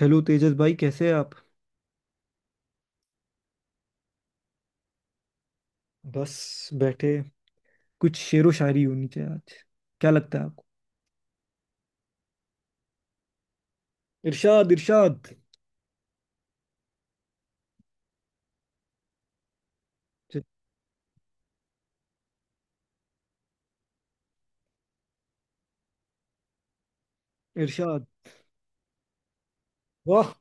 Hello Tejas भाई, कैसे हैं आप? बस बैठे। कुछ शेरो शायरी होनी चाहिए आज। क्या लगता है आपको? इरशाद, इरशाद। च- इरशाद। वाह,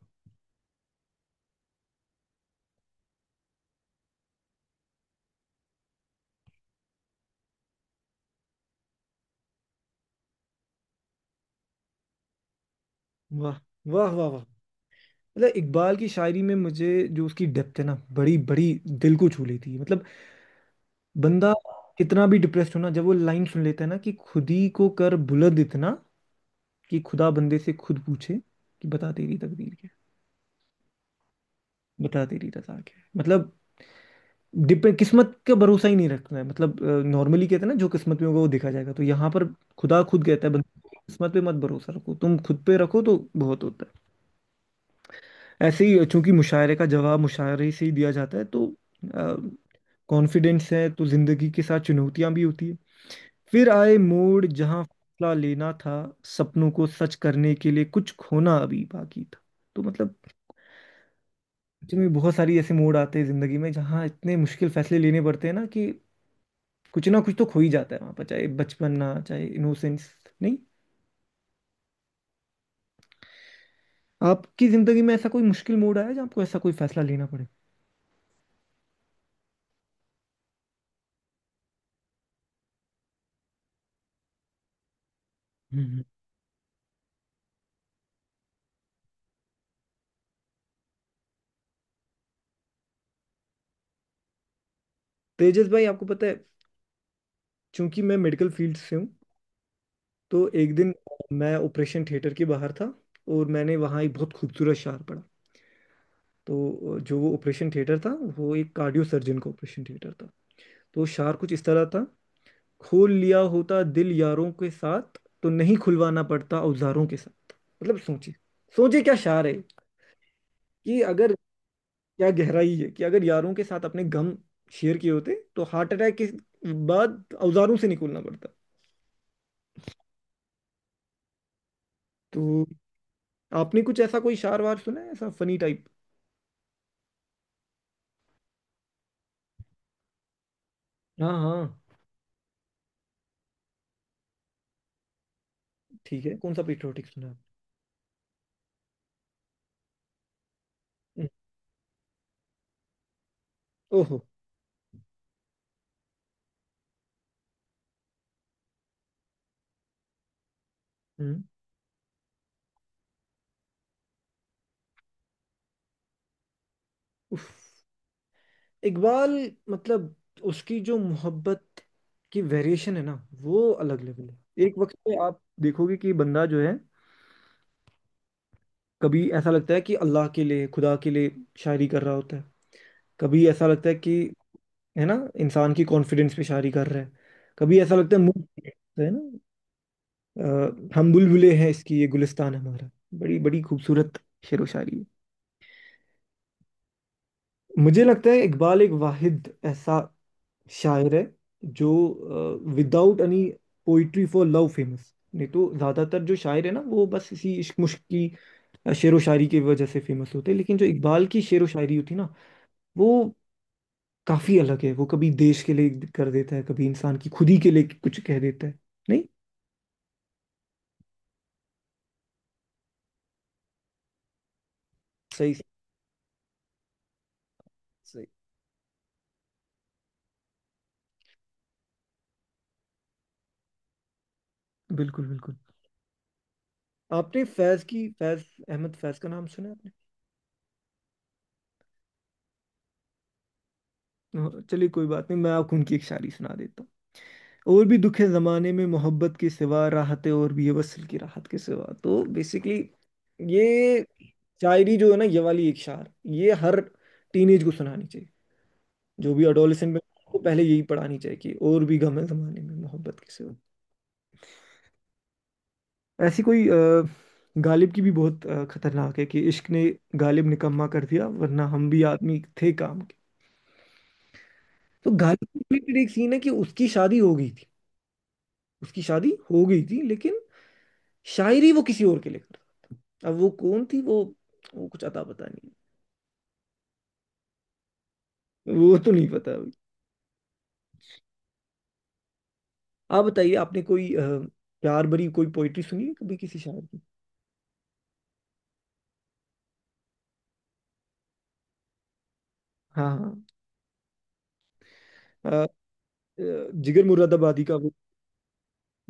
वाह, वाह, वाह, वाह। मतलब इकबाल की शायरी में मुझे जो उसकी डेप्थ है ना, बड़ी बड़ी दिल को छू लेती है। मतलब बंदा कितना भी डिप्रेस्ड हो ना, जब वो लाइन सुन लेता है ना कि खुद ही को कर बुलंद इतना कि खुदा बंदे से खुद पूछे कि बता तेरी तकदीर क्या है, बता तेरी रजा क्या है। मतलब डिपेंड, किस्मत का भरोसा ही नहीं रखना है। मतलब नॉर्मली कहते हैं ना, जो किस्मत में होगा वो देखा जाएगा, तो यहाँ पर खुदा खुद कहता है बंदे को, किस्मत पे मत भरोसा रखो, तुम खुद पे रखो तो बहुत होता है। ऐसे ही, चूंकि मुशायरे का जवाब मुशायरे से ही दिया जाता है, तो कॉन्फिडेंस है तो जिंदगी के साथ चुनौतियां भी होती है। फिर आए मोड़ जहाँ फैसला लेना था, सपनों को सच करने के लिए कुछ खोना अभी बाकी था। तो मतलब सच में बहुत सारी ऐसे मोड़ आते हैं जिंदगी में जहाँ इतने मुश्किल फैसले लेने पड़ते हैं ना कि कुछ ना कुछ तो खो ही जाता है वहां पर, चाहे बचपना, चाहे इनोसेंस। नहीं, आपकी जिंदगी में ऐसा कोई मुश्किल मोड़ आया जहाँ आपको ऐसा कोई फैसला लेना पड़े? हम्म। तेजस भाई, आपको पता है, चूंकि मैं मेडिकल फील्ड से हूँ तो एक दिन मैं ऑपरेशन थिएटर के बाहर था और मैंने वहाँ एक बहुत खूबसूरत शार पढ़ा। तो जो वो ऑपरेशन थिएटर था वो एक कार्डियो सर्जन का ऑपरेशन थिएटर था। तो शार कुछ इस तरह था। खोल लिया होता दिल यारों के साथ, तो नहीं खुलवाना पड़ता औजारों के साथ। मतलब सोचिए, सोचिए क्या शार है। कि अगर क्या गहराई है कि अगर यारों के साथ अपने गम शेयर किए होते तो हार्ट अटैक के बाद औजारों से निकलना पड़ता। तो आपने कुछ ऐसा कोई शार वार सुना है, ऐसा फनी टाइप? हाँ, हाँ। ठीक है, कौन सा पेट्रियोटिक सुना आपने? हम्म। ओहो। हम्म। उफ। इकबाल, मतलब उसकी जो मोहब्बत की वेरिएशन है ना, वो अलग लेवल है। एक वक्त पे आप देखोगे कि बंदा जो है, कभी ऐसा लगता है कि अल्लाह के लिए, खुदा के लिए शायरी कर रहा होता है। कभी ऐसा लगता है कि, है ना, इंसान की कॉन्फिडेंस पे शायरी कर रहे हैं। कभी ऐसा लगता है मुंह, है ना। हम बुलबुले हैं इसकी ये गुलिस्तान हमारा। बड़ी बड़ी खूबसूरत शेर व शायरी है। मुझे लगता है इकबाल एक वाहिद ऐसा शायर है जो without any poetry for love famous नहीं, तो ज्यादातर जो शायर है ना वो बस इसी इश्क मुश्क की शेर व शायरी की वजह से फेमस होते हैं, लेकिन जो इकबाल की शेर व शायरी होती है ना वो काफी अलग है। वो कभी देश के लिए कर देता है, कभी इंसान की खुदी के लिए कुछ कह देता है। नहीं। सही। सही। बिल्कुल, बिल्कुल। आपने फैज अहमद फैज का नाम सुना है आपने? और चलिए कोई बात नहीं, मैं आपको उनकी एक शायरी सुना देता हूँ। और भी दुख है ज़माने में मोहब्बत के सिवा, राहत है और भी है वसल की राहत के सिवा। तो बेसिकली ये शायरी जो है ना, ये वाली एक शार, ये हर टीनेज को सुनानी चाहिए। जो भी अडोलेसेंट में उसको पहले यही पढ़ानी चाहिए कि और भी गम है जमाने में मोहब्बत के सिवा। ऐसी कोई गालिब की भी बहुत खतरनाक है कि इश्क ने गालिब निकम्मा कर दिया, वरना हम भी आदमी थे काम के। तो गालिब के रिलेटेड एक सीन है कि उसकी शादी हो गई थी लेकिन शायरी वो किसी और के लिए करता था। अब वो कौन थी, वो कुछ अता पता नहीं। वो तो नहीं पता अभी। आप बताइए, आपने कोई प्यार भरी कोई पोइट्री सुनी है कभी किसी शायर की? हाँ, हाँ। अ, जिगर मुरादाबादी का वो।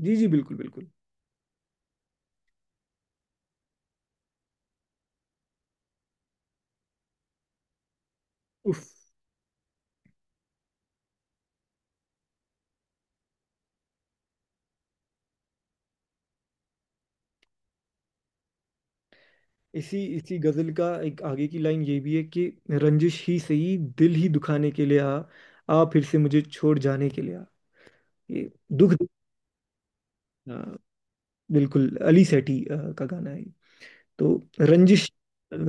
जी, जी। बिल्कुल, बिल्कुल। उफ। इसी इसी गजल का एक आगे की लाइन ये भी है कि रंजिश ही सही दिल ही दुखाने के लिए आ, आ फिर से मुझे छोड़ जाने के लिए आ। ये दुख, अ, बिल्कुल। अली सेठी का गाना है। तो रंजिश,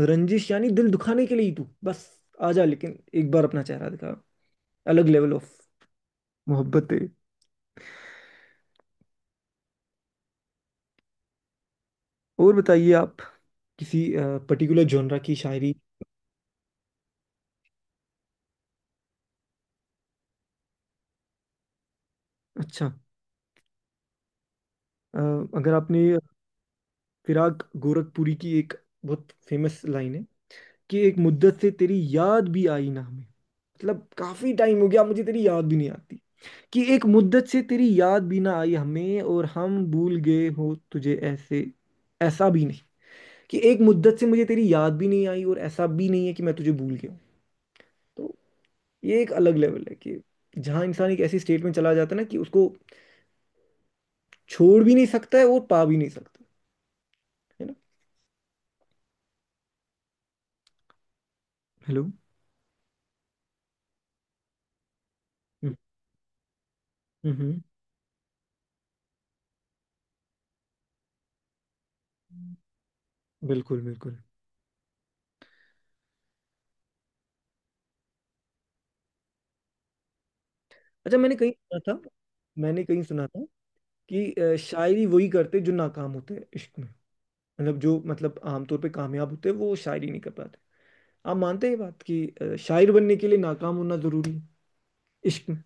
रंजिश यानी दिल दुखाने के लिए ही तू बस आ जा, लेकिन एक बार अपना चेहरा दिखा। अलग लेवल ऑफ मोहब्बत है। और बताइए आप, किसी पर्टिकुलर जॉनरा की शायरी? अच्छा। अ, अगर आपने फिराक गोरखपुरी की एक बहुत फेमस लाइन है कि एक मुद्दत से तेरी याद भी आई ना हमें, मतलब काफी टाइम हो गया मुझे तेरी याद भी नहीं आती। कि एक मुद्दत से तेरी याद भी ना आई हमें, और हम भूल गए हो तुझे ऐसे, ऐसा भी नहीं। कि एक मुद्दत से मुझे तेरी याद भी नहीं आई और ऐसा भी नहीं है कि मैं तुझे भूल गया हूं। तो ये एक अलग लेवल है कि जहाँ इंसान एक ऐसी स्टेट में चला जाता है ना कि उसको छोड़ भी नहीं सकता है और पा भी नहीं सकता, है ना? हेलो। हम्म, हम्म। बिल्कुल, बिल्कुल। अच्छा, मैंने कहीं सुना था कि शायरी वही करते जो नाकाम होते हैं इश्क में। मतलब जो, मतलब आमतौर पे कामयाब होते हैं वो शायरी नहीं कर पाते। आप मानते हैं ये बात कि शायर बनने के लिए नाकाम होना जरूरी है इश्क में?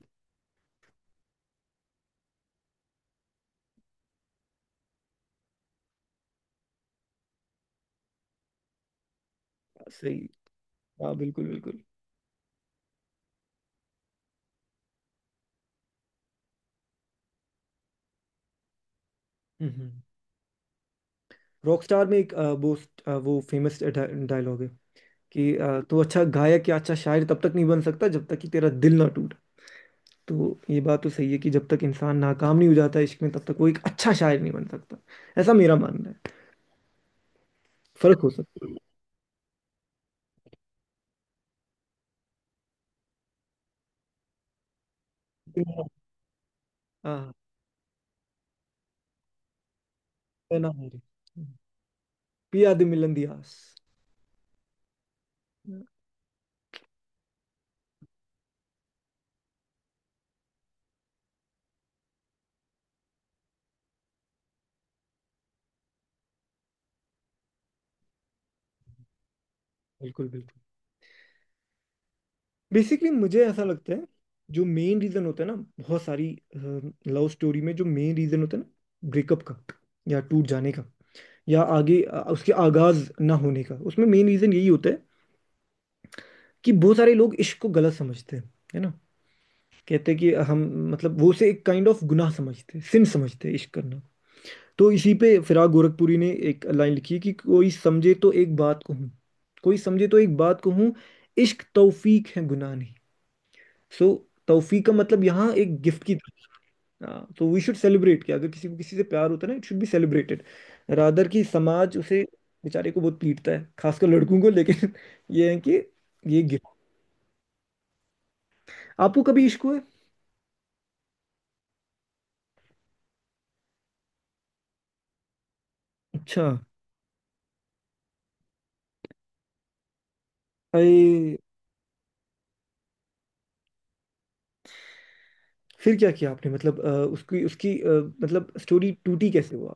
सही। हाँ, बिल्कुल, बिल्कुल। हम्म। रॉकस्टार में एक वो फेमस डायलॉग है कि तो अच्छा गायक या अच्छा शायर तब तक नहीं बन सकता जब तक कि तेरा दिल ना टूटे। तो ये बात तो सही है कि जब तक इंसान नाकाम नहीं हो जाता इश्क में तब तक वो एक अच्छा शायर नहीं बन सकता। ऐसा मेरा मानना है, फर्क हो सकता है। हाँ, है ना मेरे पिया दे मिलन दियास। बिल्कुल, बिल्कुल। बेसिकली मुझे ऐसा लगता है, जो मेन रीजन होता है ना बहुत सारी लव स्टोरी में जो मेन रीजन होता है ना, ब्रेकअप का या टूट जाने का या आगे उसके आगाज ना होने का, उसमें मेन रीजन यही होता है कि बहुत सारे लोग इश्क को गलत समझते हैं, है ना। कहते हैं कि हम, मतलब, वो उसे एक काइंड ऑफ गुनाह समझते हैं, सिन समझते हैं इश्क करना। तो इसी पे फिराक गोरखपुरी ने एक लाइन लिखी है कि कोई समझे तो एक बात कहूँ, कोई समझे तो एक बात कहूँ, इश्क तौफीक है गुनाह नहीं। सो तौफीक का मतलब यहाँ एक गिफ्ट की। हाँ, तो वी शुड सेलिब्रेट कि अगर किसी को किसी से प्यार होता है ना, it should be celebrated, rather कि समाज उसे बेचारे को बहुत पीटता है, खासकर लड़कों को, लेकिन ये है कि ये गिफ्ट। आपको कभी इश्क हुआ है? अच्छा। अरे, फिर क्या किया आपने, मतलब उसकी उसकी मतलब स्टोरी टूटी कैसे, हुआ?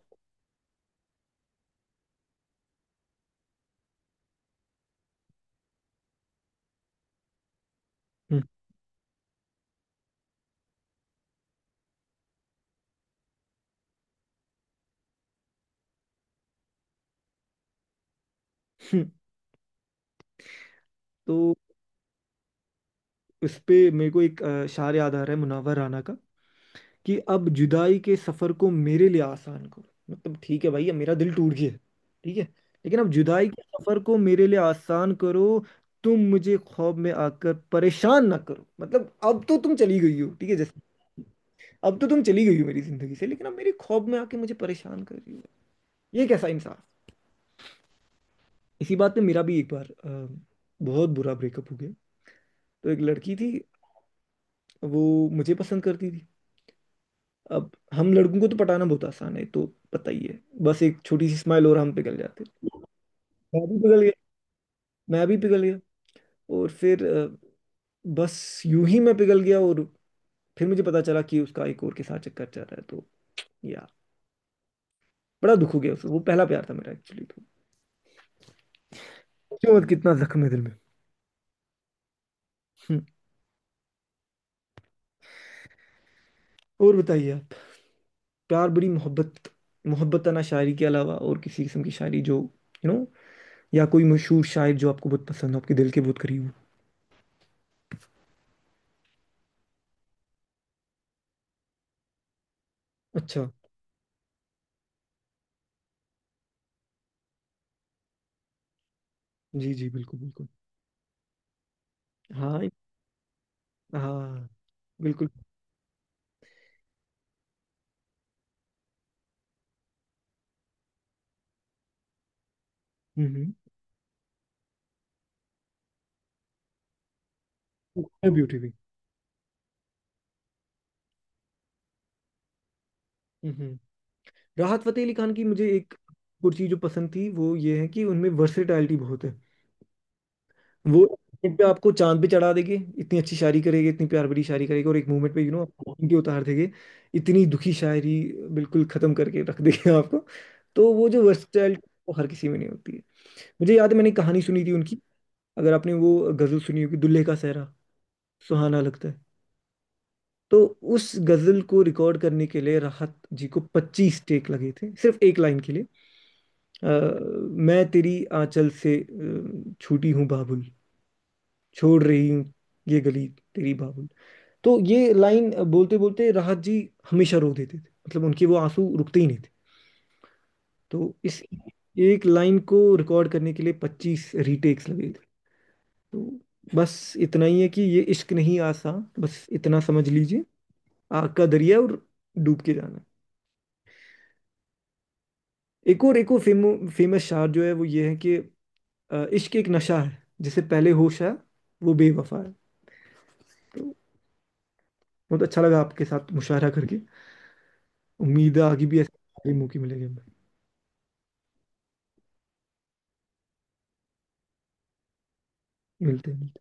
हम्म। हम्म। तो उस पे मेरे को एक शार याद आ रहा है मुनव्वर राना का कि अब जुदाई के सफर को मेरे लिए आसान करो। मतलब ठीक है भाई, ये मेरा दिल टूट गया है, ठीक है, लेकिन अब जुदाई के सफर को मेरे लिए आसान करो, तुम मुझे ख्वाब में आकर परेशान ना करो। मतलब अब तो तुम चली गई हो, ठीक है, जैसे अब तो तुम चली गई हो मेरी जिंदगी से, लेकिन अब मेरे ख्वाब में आके मुझे परेशान कर रही हो। ये कैसा इंसाफ। इसी बात पे मेरा भी एक बार बहुत बुरा ब्रेकअप हो गया। तो एक लड़की थी, वो मुझे पसंद करती थी। अब हम लड़कों को तो पटाना बहुत आसान है, तो पता ही है। बस एक छोटी सी स्माइल और हम पिघल जाते। मैं भी पिघल गया। मैं भी पिघल गया। और फिर बस यूं ही मैं पिघल गया, और फिर मुझे पता चला कि उसका एक और के साथ चक्कर चल रहा है। तो यार, बड़ा दुख हो गया उसको, वो पहला प्यार था मेरा एक्चुअली। तो सोचो मत कितना जख्म है दिल में। हम्म। और बताइए आप, प्यार, बड़ी मोहब्बत, मोहब्बत ना, शायरी के अलावा और किसी किस्म की शायरी, जो, यू नो, या कोई मशहूर शायर जो आपको बहुत पसंद हो, आपके दिल के बहुत करीब हो? अच्छा। जी, जी। बिल्कुल, बिल्कुल। हाँ, हाँ। बिल्कुल। हम्म। ब्यूटी भी। हम्म। राहत फतेह अली खान की मुझे एक और चीज जो पसंद थी वो ये है कि उनमें वर्सेटैलिटी बहुत है। वो एक moment पे आपको चांद पे चढ़ा देंगे, इतनी अच्छी शायरी करेंगे, इतनी प्यार भरी शायरी करेंगे, और एक मूवमेंट पे यू नो के उतार देंगे। इतनी दुखी शायरी, बिल्कुल खत्म करके रख देंगे आपको। तो वो जो वर्सेटैलिटी, वो हर किसी में नहीं होती है। मुझे याद है, मैंने कहानी सुनी थी उनकी। अगर आपने वो गजल सुनी होगी, दुल्हे का सहरा सुहाना लगता है। तो उस गजल को रिकॉर्ड करने के लिए राहत जी को 25 टेक लगे थे सिर्फ एक लाइन के लिए। अ, मैं तेरी आंचल से छूटी हूँ बाबुल, छोड़ रही हूँ ये गली तेरी बाबुल। तो ये लाइन बोलते बोलते राहत जी हमेशा रो देते थे। मतलब उनके वो आंसू रुकते ही नहीं थे। तो इस एक लाइन को रिकॉर्ड करने के लिए 25 रीटेक्स लगे थे। तो बस इतना ही है कि ये इश्क नहीं आसान, बस इतना समझ लीजिए, आग का दरिया, और डूब के जाना है। एक और फेमस शायर जो है वो ये है कि इश्क एक नशा है जिसे पहले होश है, वो बेवफा है। तो बहुत अच्छा लगा आपके साथ मुशायरा करके। उम्मीद है आगे भी ऐसे मौके मिलेंगे। मिलते हैं।